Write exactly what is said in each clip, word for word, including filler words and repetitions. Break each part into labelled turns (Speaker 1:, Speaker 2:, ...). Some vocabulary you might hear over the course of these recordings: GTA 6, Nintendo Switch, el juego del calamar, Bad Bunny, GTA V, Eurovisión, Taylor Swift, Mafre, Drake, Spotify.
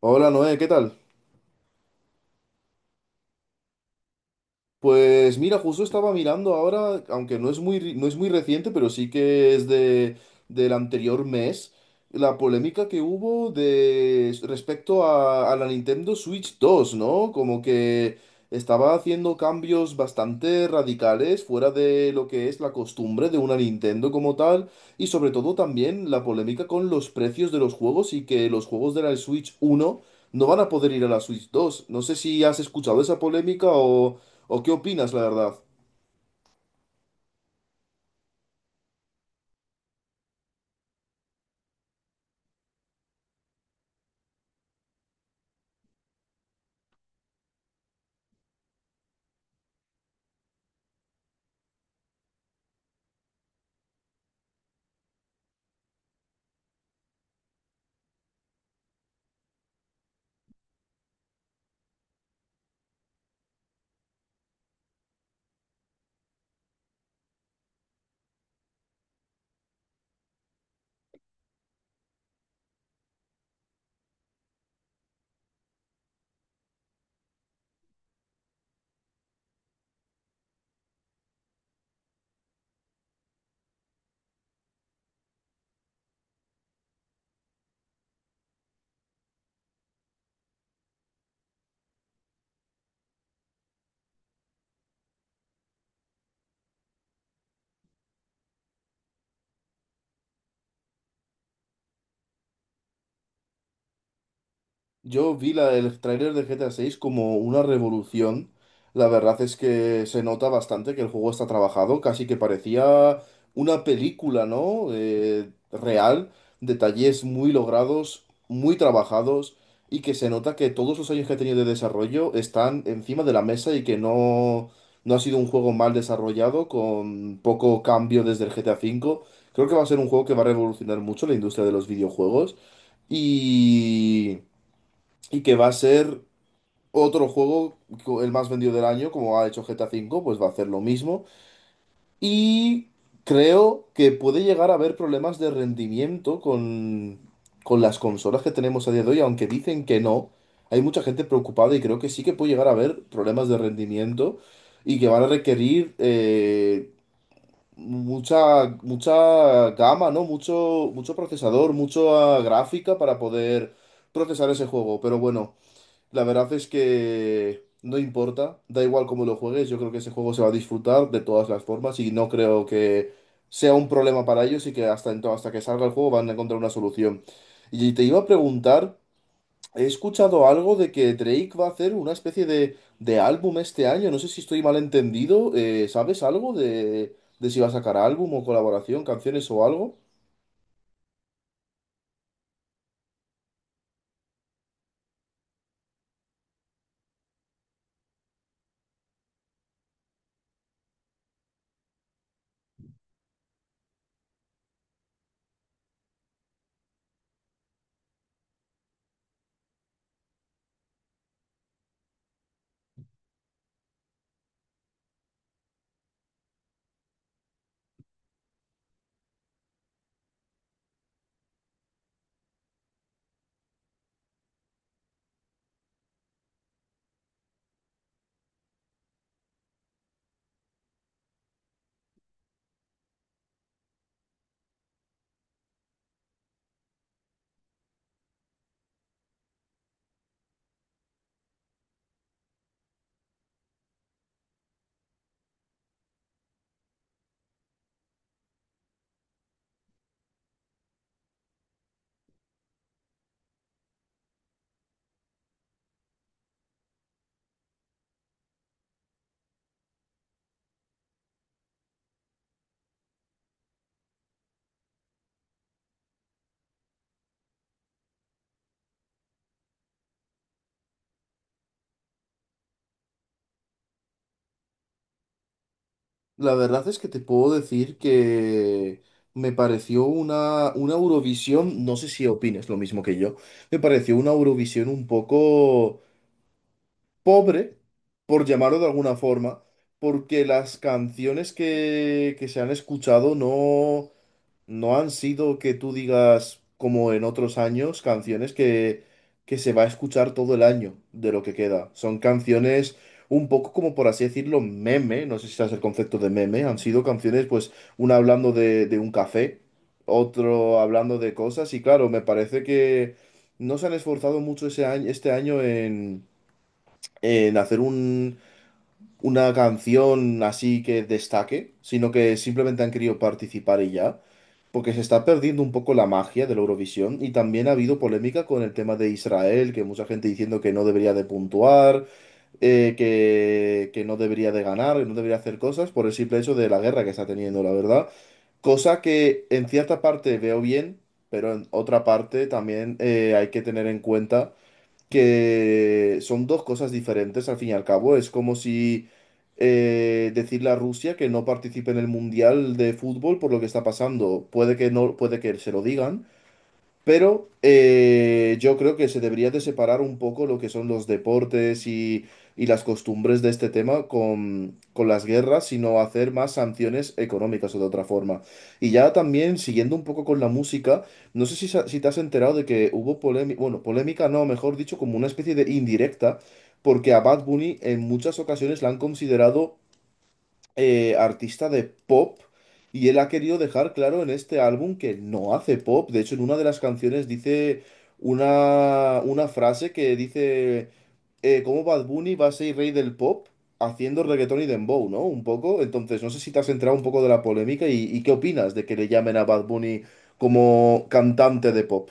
Speaker 1: Hola Noé, ¿qué tal? Pues mira, justo estaba mirando ahora, aunque no es muy, ri- no es muy reciente, pero sí que es de, del anterior mes, la polémica que hubo de, respecto a, a la Nintendo Switch dos, ¿no? Como que estaba haciendo cambios bastante radicales fuera de lo que es la costumbre de una Nintendo como tal. Y sobre todo también la polémica con los precios de los juegos y que los juegos de la Switch uno no van a poder ir a la Switch dos. No sé si has escuchado esa polémica o, o qué opinas, la verdad. Yo vi la, el tráiler de G T A seis como una revolución. La verdad es que se nota bastante que el juego está trabajado, casi que parecía una película, ¿no? Eh, real, detalles muy logrados, muy trabajados, y que se nota que todos los años que ha tenido de desarrollo están encima de la mesa y que no, no ha sido un juego mal desarrollado con poco cambio desde el G T A cinco. Creo que va a ser un juego que va a revolucionar mucho la industria de los videojuegos, y y que va a ser otro juego, co- el más vendido del año, como ha hecho G T A cinco, pues va a hacer lo mismo. Y creo que puede llegar a haber problemas de rendimiento con, con las consolas que tenemos a día de hoy, aunque dicen que no. Hay mucha gente preocupada y creo que sí que puede llegar a haber problemas de rendimiento y que van a requerir eh, mucha, mucha gama, ¿no? Mucho, mucho procesador, mucha gráfica para poder procesar ese juego. Pero bueno. La verdad es que no importa, da igual cómo lo juegues, yo creo que ese juego se va a disfrutar de todas las formas y no creo que sea un problema para ellos y que hasta, ento- hasta que salga el juego van a encontrar una solución. Y te iba a preguntar, he escuchado algo de que Drake va a hacer una especie de, de álbum este año, no sé si estoy mal entendido, eh, ¿sabes algo de, de si va a sacar álbum o colaboración, canciones o algo? La verdad es que te puedo decir que me pareció una, una Eurovisión, no sé si opines lo mismo que yo, me pareció una Eurovisión un poco pobre, por llamarlo de alguna forma, porque las canciones que, que se han escuchado no, no han sido que tú digas, como en otros años, canciones que, que se va a escuchar todo el año de lo que queda. Son canciones un poco como, por así decirlo, meme, no sé si sabes el concepto de meme, han sido canciones, pues, una hablando de, de un café, otro hablando de cosas, y claro, me parece que no se han esforzado mucho ese año, este año en, en hacer un... una canción así que destaque, sino que simplemente han querido participar y ya, porque se está perdiendo un poco la magia de la Eurovisión y también ha habido polémica con el tema de Israel, que mucha gente diciendo que no debería de puntuar, eh, que, que no debería de ganar, que no debería hacer cosas por el simple hecho de la guerra que está teniendo, la verdad. Cosa que en cierta parte veo bien, pero en otra parte también eh, hay que tener en cuenta que son dos cosas diferentes al fin y al cabo. Es como si eh, decirle a Rusia que no participe en el Mundial de fútbol por lo que está pasando. Puede que no, puede que se lo digan, pero eh, yo creo que se debería de separar un poco lo que son los deportes y, y las costumbres de este tema con, con las guerras, sino hacer más sanciones económicas o de otra forma. Y ya también, siguiendo un poco con la música, no sé si, sa- si te has enterado de que hubo polémica, bueno, polémica no, mejor dicho, como una especie de indirecta, porque a Bad Bunny en muchas ocasiones la han considerado eh, artista de pop, y él ha querido dejar claro en este álbum que no hace pop. De hecho, en una de las canciones dice una, una frase que dice eh, cómo Bad Bunny va a ser rey del pop haciendo reggaetón y dembow, ¿no? Un poco. Entonces, no sé si te has enterado un poco de la polémica y, y qué opinas de que le llamen a Bad Bunny como cantante de pop.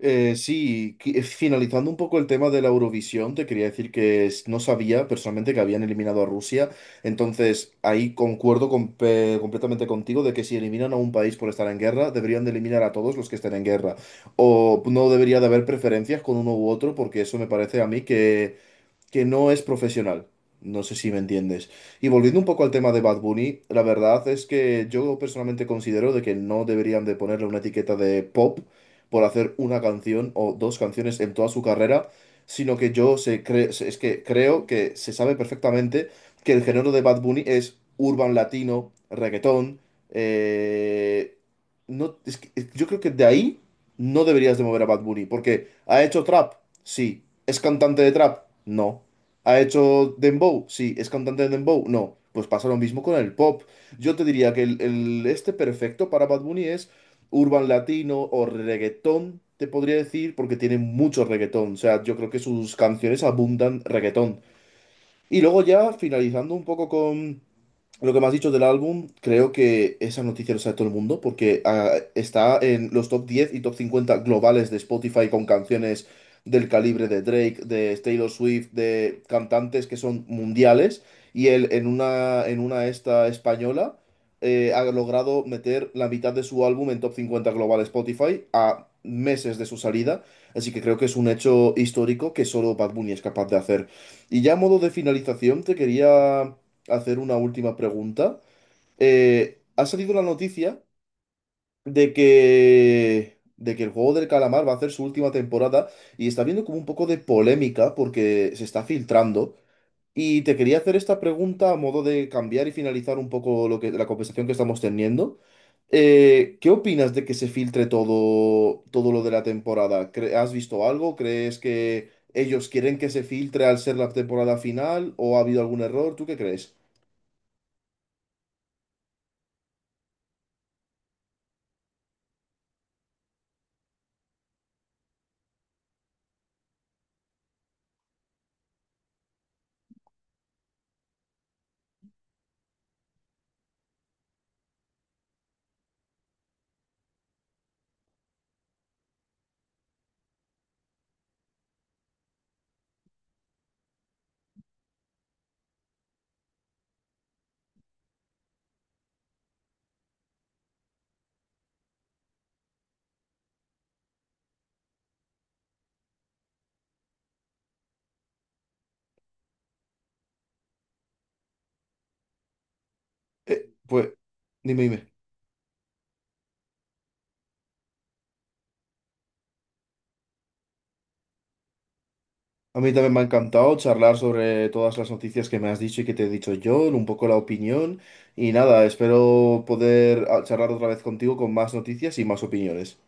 Speaker 1: Eh, sí, qui- eh, finalizando un poco el tema de la Eurovisión, te quería decir que es- no sabía personalmente que habían eliminado a Rusia, entonces ahí concuerdo con- pe- completamente contigo de que si eliminan a un país por estar en guerra, deberían de eliminar a todos los que estén en guerra, o no debería de haber preferencias con uno u otro, porque eso me parece a mí que que no es profesional. No sé si me entiendes. Y volviendo un poco al tema de Bad Bunny, la verdad es que yo personalmente considero de que no deberían de ponerle una etiqueta de pop por hacer una canción o dos canciones en toda su carrera, sino que yo se cre- se- es que creo que se sabe perfectamente que el género de Bad Bunny es urban latino, reggaetón, eh, no, es que- yo creo que de ahí no deberías de mover a Bad Bunny, porque ¿ha hecho trap? Sí. ¿Es cantante de trap? No. ¿Ha hecho dembow? Sí. ¿Es cantante de dembow? No. Pues pasa lo mismo con el pop. Yo te diría que el, el- este perfecto para Bad Bunny es urban latino o reggaetón, te podría decir, porque tiene mucho reggaetón. O sea, yo creo que sus canciones abundan reggaetón. Y luego ya finalizando un poco con lo que me has dicho del álbum, creo que esa noticia lo sabe todo el mundo porque ah, está en los top diez y top cincuenta globales de Spotify con canciones del calibre de Drake, de Taylor Swift, de cantantes que son mundiales, y él en una, en una esta española eh, ha logrado meter la mitad de su álbum en top cincuenta global Spotify a meses de su salida, así que creo que es un hecho histórico que solo Bad Bunny es capaz de hacer. Y ya a modo de finalización, te quería hacer una última pregunta. Eh, ha salido la noticia de que, de que el juego del calamar va a hacer su última temporada y está habiendo como un poco de polémica porque se está filtrando. Y te quería hacer esta pregunta a modo de cambiar y finalizar un poco lo que, la conversación que estamos teniendo. Eh, ¿qué opinas de que se filtre todo, todo lo de la temporada? ¿Cre- Has visto algo? ¿Crees que ellos quieren que se filtre al ser la temporada final o ha habido algún error? ¿Tú qué crees? Eh, pues dime, dime. A mí también me ha encantado charlar sobre todas las noticias que me has dicho y que te he dicho yo, un poco la opinión y nada, espero poder ah, charlar otra vez contigo con más noticias y más opiniones.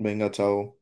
Speaker 1: Venga, chao.